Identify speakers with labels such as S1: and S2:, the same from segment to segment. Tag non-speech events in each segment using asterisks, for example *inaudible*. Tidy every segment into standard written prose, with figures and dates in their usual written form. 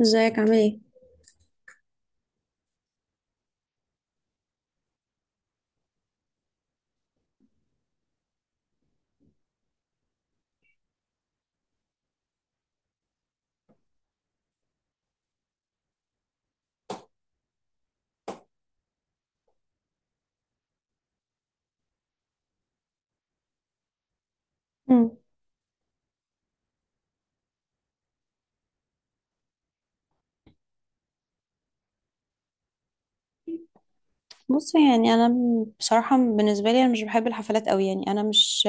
S1: ازيك عامل ايه؟ مم. بص، يعني انا بصراحه بالنسبه لي انا مش بحب الحفلات قوي، يعني انا مش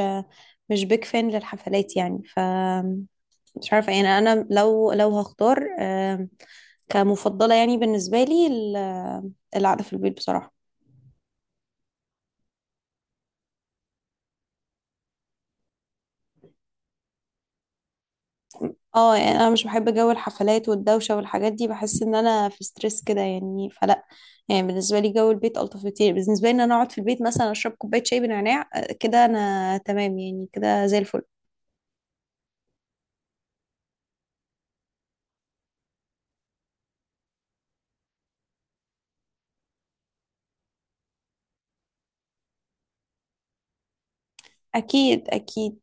S1: مش بيك فان للحفلات يعني مش عارفه. يعني انا لو هختار، كمفضله، يعني بالنسبه لي القعده في البيت بصراحه. اه، يعني انا مش بحب جو الحفلات والدوشه والحاجات دي. بحس ان انا في ستريس كده يعني، فلا. يعني بالنسبه لي جو البيت الطف كتير. بالنسبه لي ان انا اقعد في البيت مثلا اشرب كوبايه شاي بنعناع، كده انا تمام يعني كده زي الفل. اكيد، اكيد.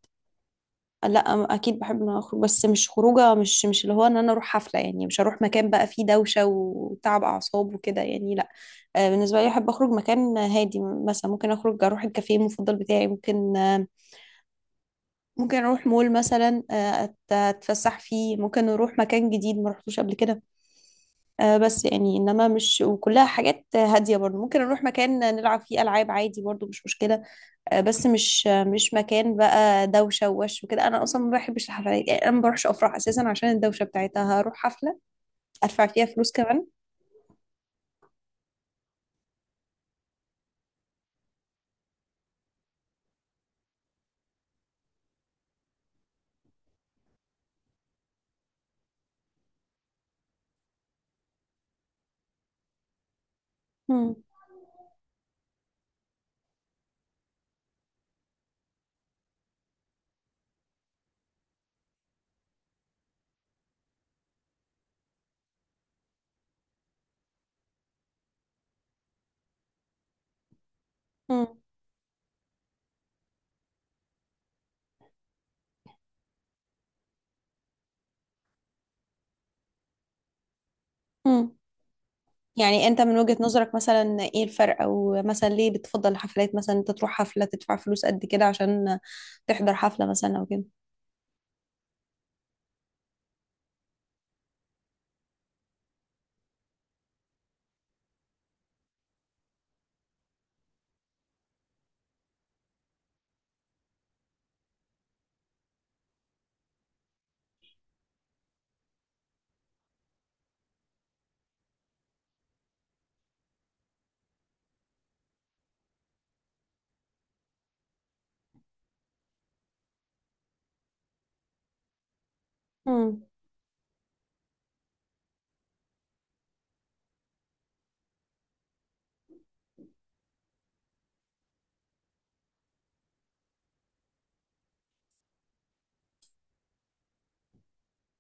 S1: لا اكيد بحب ان أنا اخرج، بس مش خروجه، مش اللي هو ان انا اروح حفله. يعني مش هروح مكان بقى فيه دوشه وتعب اعصاب وكده يعني لا. بالنسبه لي احب اخرج مكان هادي. مثلا ممكن اخرج اروح الكافيه المفضل بتاعي، ممكن، ممكن اروح مول مثلا، اتفسح فيه، ممكن اروح مكان جديد ما رحتوش قبل كده. بس يعني انما مش، وكلها حاجات هاديه. برضو ممكن اروح مكان نلعب فيه العاب عادي برضو، مش مشكله. بس مش مكان بقى دوشه ووش وكده. انا اصلا ما بحبش الحفلات، يعني انا ما بروحش افراح اساسا عشان الدوشه بتاعتها. هروح حفله ادفع فيها فلوس كمان؟ مم. مم. مم. يعني انت من وجهة نظرك، مثلا ايه الفرق؟ او مثلا ليه بتفضل الحفلات؟ مثلا انت تروح حفلة تدفع فلوس قد كده عشان تحضر حفلة مثلا او كده؟ مم.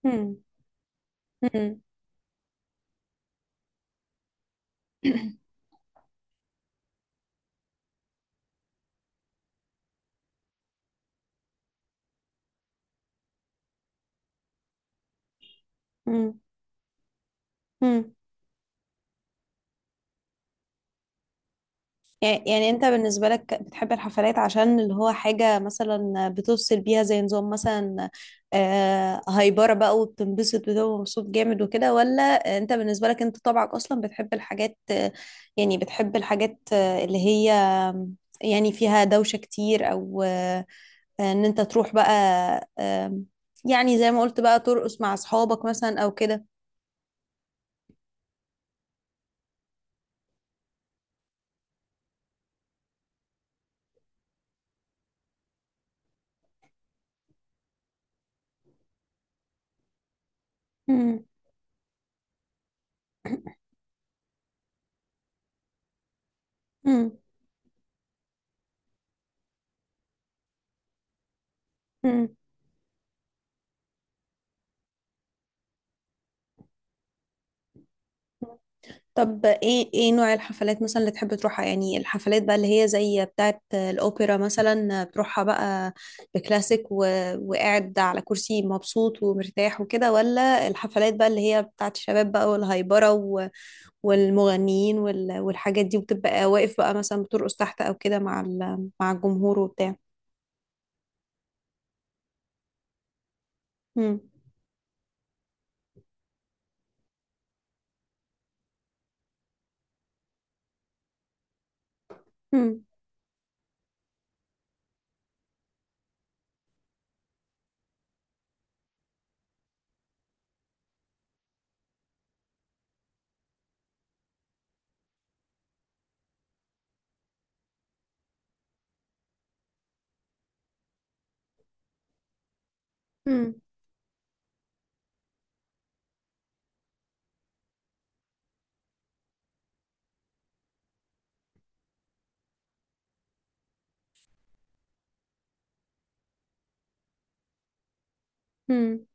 S1: مم. مم. مم. مم. يعني انت بالنسبة لك بتحب الحفلات عشان اللي هو حاجة مثلا بتوصل بيها، زي نظام مثلا، هايبرة بقى وبتنبسط وتبقى مبسوط جامد وكده، ولا انت بالنسبة لك انت طبعك اصلا بتحب الحاجات، يعني بتحب الحاجات، اللي هي، يعني فيها دوشة كتير، او، ان انت تروح بقى، آم، يعني زي ما قلت بقى، ترقص مع اصحابك مثلا او كده؟ مم، مم، مم. طب ايه، ايه نوع الحفلات مثلا اللي تحب تروحها؟ يعني الحفلات بقى اللي هي زي بتاعة الأوبرا مثلا بتروحها بقى بكلاسيك، وقاعد على كرسي مبسوط ومرتاح وكده، ولا الحفلات بقى اللي هي بتاعة الشباب بقى والهايبرة، والمغنيين والحاجات دي، وبتبقى واقف بقى مثلا بترقص تحت أو كده مع مع الجمهور وبتاع؟ هم. هم. هم. هم.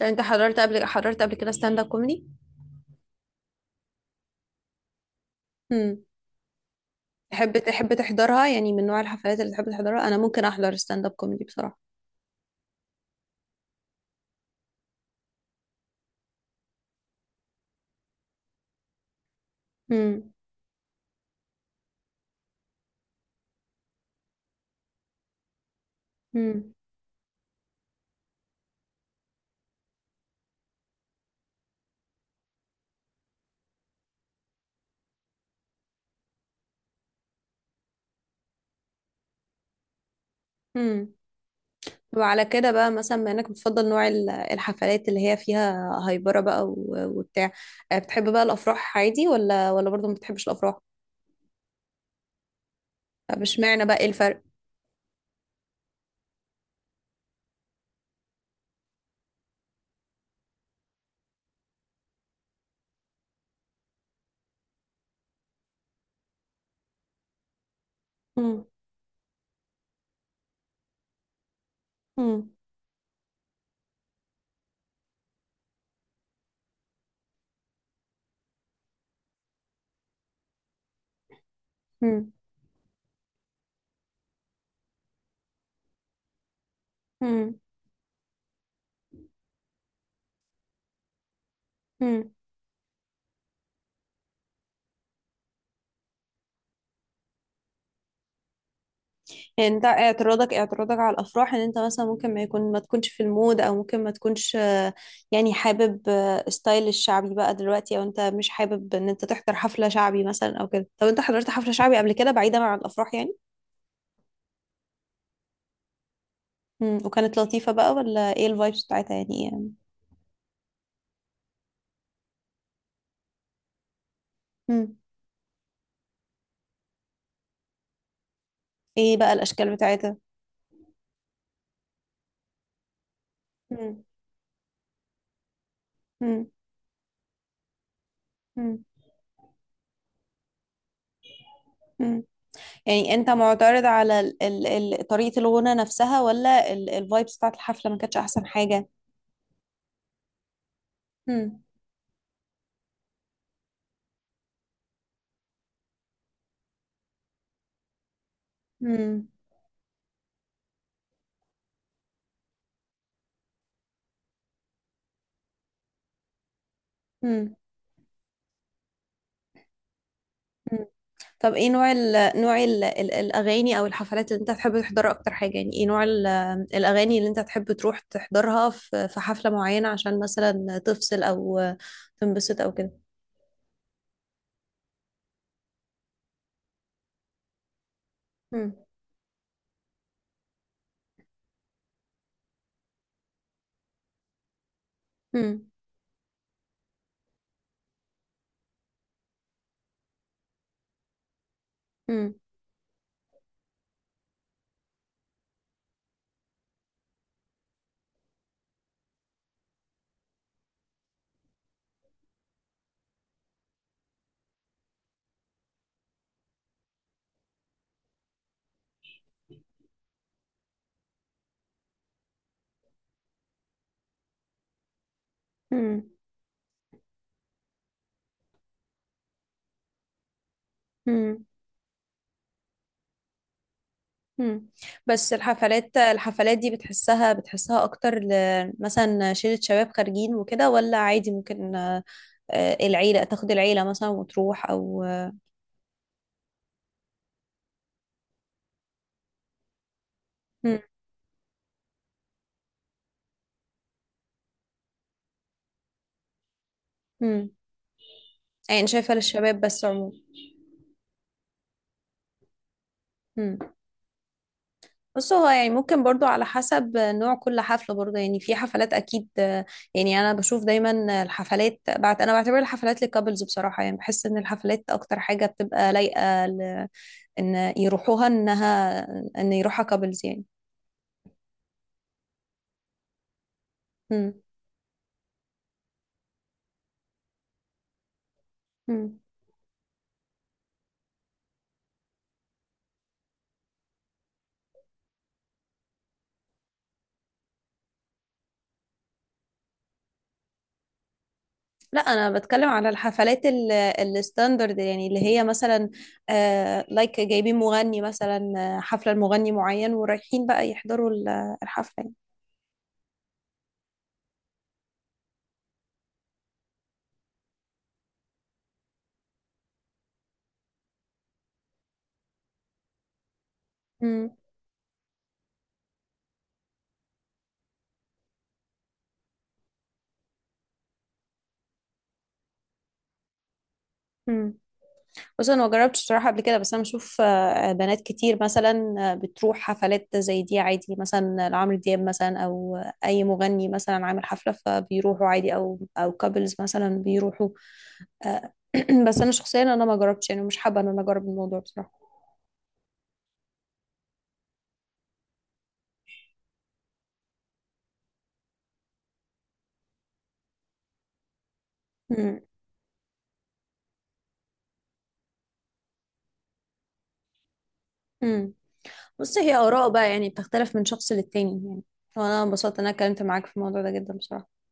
S1: طب انت حضرت قبل كده ستاند اب كوميدي؟ تحب تحضرها؟ يعني من نوع الحفلات اللي تحب تحضرها. انا ممكن احضر ستاند اب كوميدي بصراحه. امم. امم. امم. وعلى كده بقى مثلا، بما انك بتفضل نوع الحفلات اللي هي فيها هايبره بقى وبتاع، بتحب بقى الافراح عادي، ولا برضه ما بتحبش الافراح؟ مش معنى بقى، ايه الفرق؟ امم. امم. امم. امم. انت اعتراضك على الافراح ان انت مثلا ممكن ما يكون، ما تكونش في المود، او ممكن ما تكونش، يعني حابب ستايل الشعبي بقى دلوقتي، او انت مش حابب ان انت تحضر حفلة شعبي مثلا او كده؟ طب انت حضرت حفلة شعبي قبل كده بعيدا عن الافراح يعني؟ امم. وكانت لطيفة بقى، ولا ايه الفايبس بتاعتها؟ يعني ايه؟ امم. ايه بقى الاشكال بتاعتها؟ امم. امم. امم. امم. يعني انت معترض على ال ال ال طريقة الغنى نفسها، ولا الفايبس بتاعت الحفلة ما كانتش احسن حاجة؟ امم. امم. امم. طب ايه نوع نوع ال ال الاغاني او الحفلات اللي انت تحب تحضرها اكتر حاجه؟ يعني ايه نوع الاغاني اللي انت تحب تروح تحضرها في حفله معينه عشان مثلا تفصل او تنبسط او كده؟ مم. مم. مم. مم. مم. مم. بس الحفلات دي بتحسها اكتر مثلا شلة شباب خارجين وكده، ولا عادي ممكن، العيله تاخد العيله مثلا وتروح، او... مم. مم. يعني شايفه للشباب بس عموما. مم. بص، هو يعني ممكن برضو على حسب نوع كل حفلة. برضو يعني في حفلات أكيد. يعني أنا بشوف دايما الحفلات، بعت أنا بعتبر الحفلات للكابلز بصراحة. يعني بحس إن الحفلات أكتر حاجة بتبقى لايقة إن يروحوها، إن يروحها كابلز يعني. مم. مم. لا، أنا بتكلم على الحفلات الستاندرد، يعني اللي هي مثلا، لايك جايبين مغني مثلا، حفلة لمغني معين ورايحين بقى يحضروا الحفلة يعني. مم. مم. بص انا ما جربتش بصراحه قبل كده. بس انا بشوف، بنات كتير مثلا، بتروح حفلات زي دي عادي، مثلا لعمرو دياب مثلا او اي مغني مثلا عامل حفله، فبيروحوا عادي، او كابلز مثلا بيروحوا. آه، *clears throat* بس انا شخصيا انا ما جربتش يعني، مش حابه ان انا اجرب الموضوع بصراحه. امم. امم. بص هي اراء بقى يعني بتختلف من شخص للتاني يعني. وانا انبسطت ان انا اتكلمت معاك في الموضوع ده جدا بصراحه.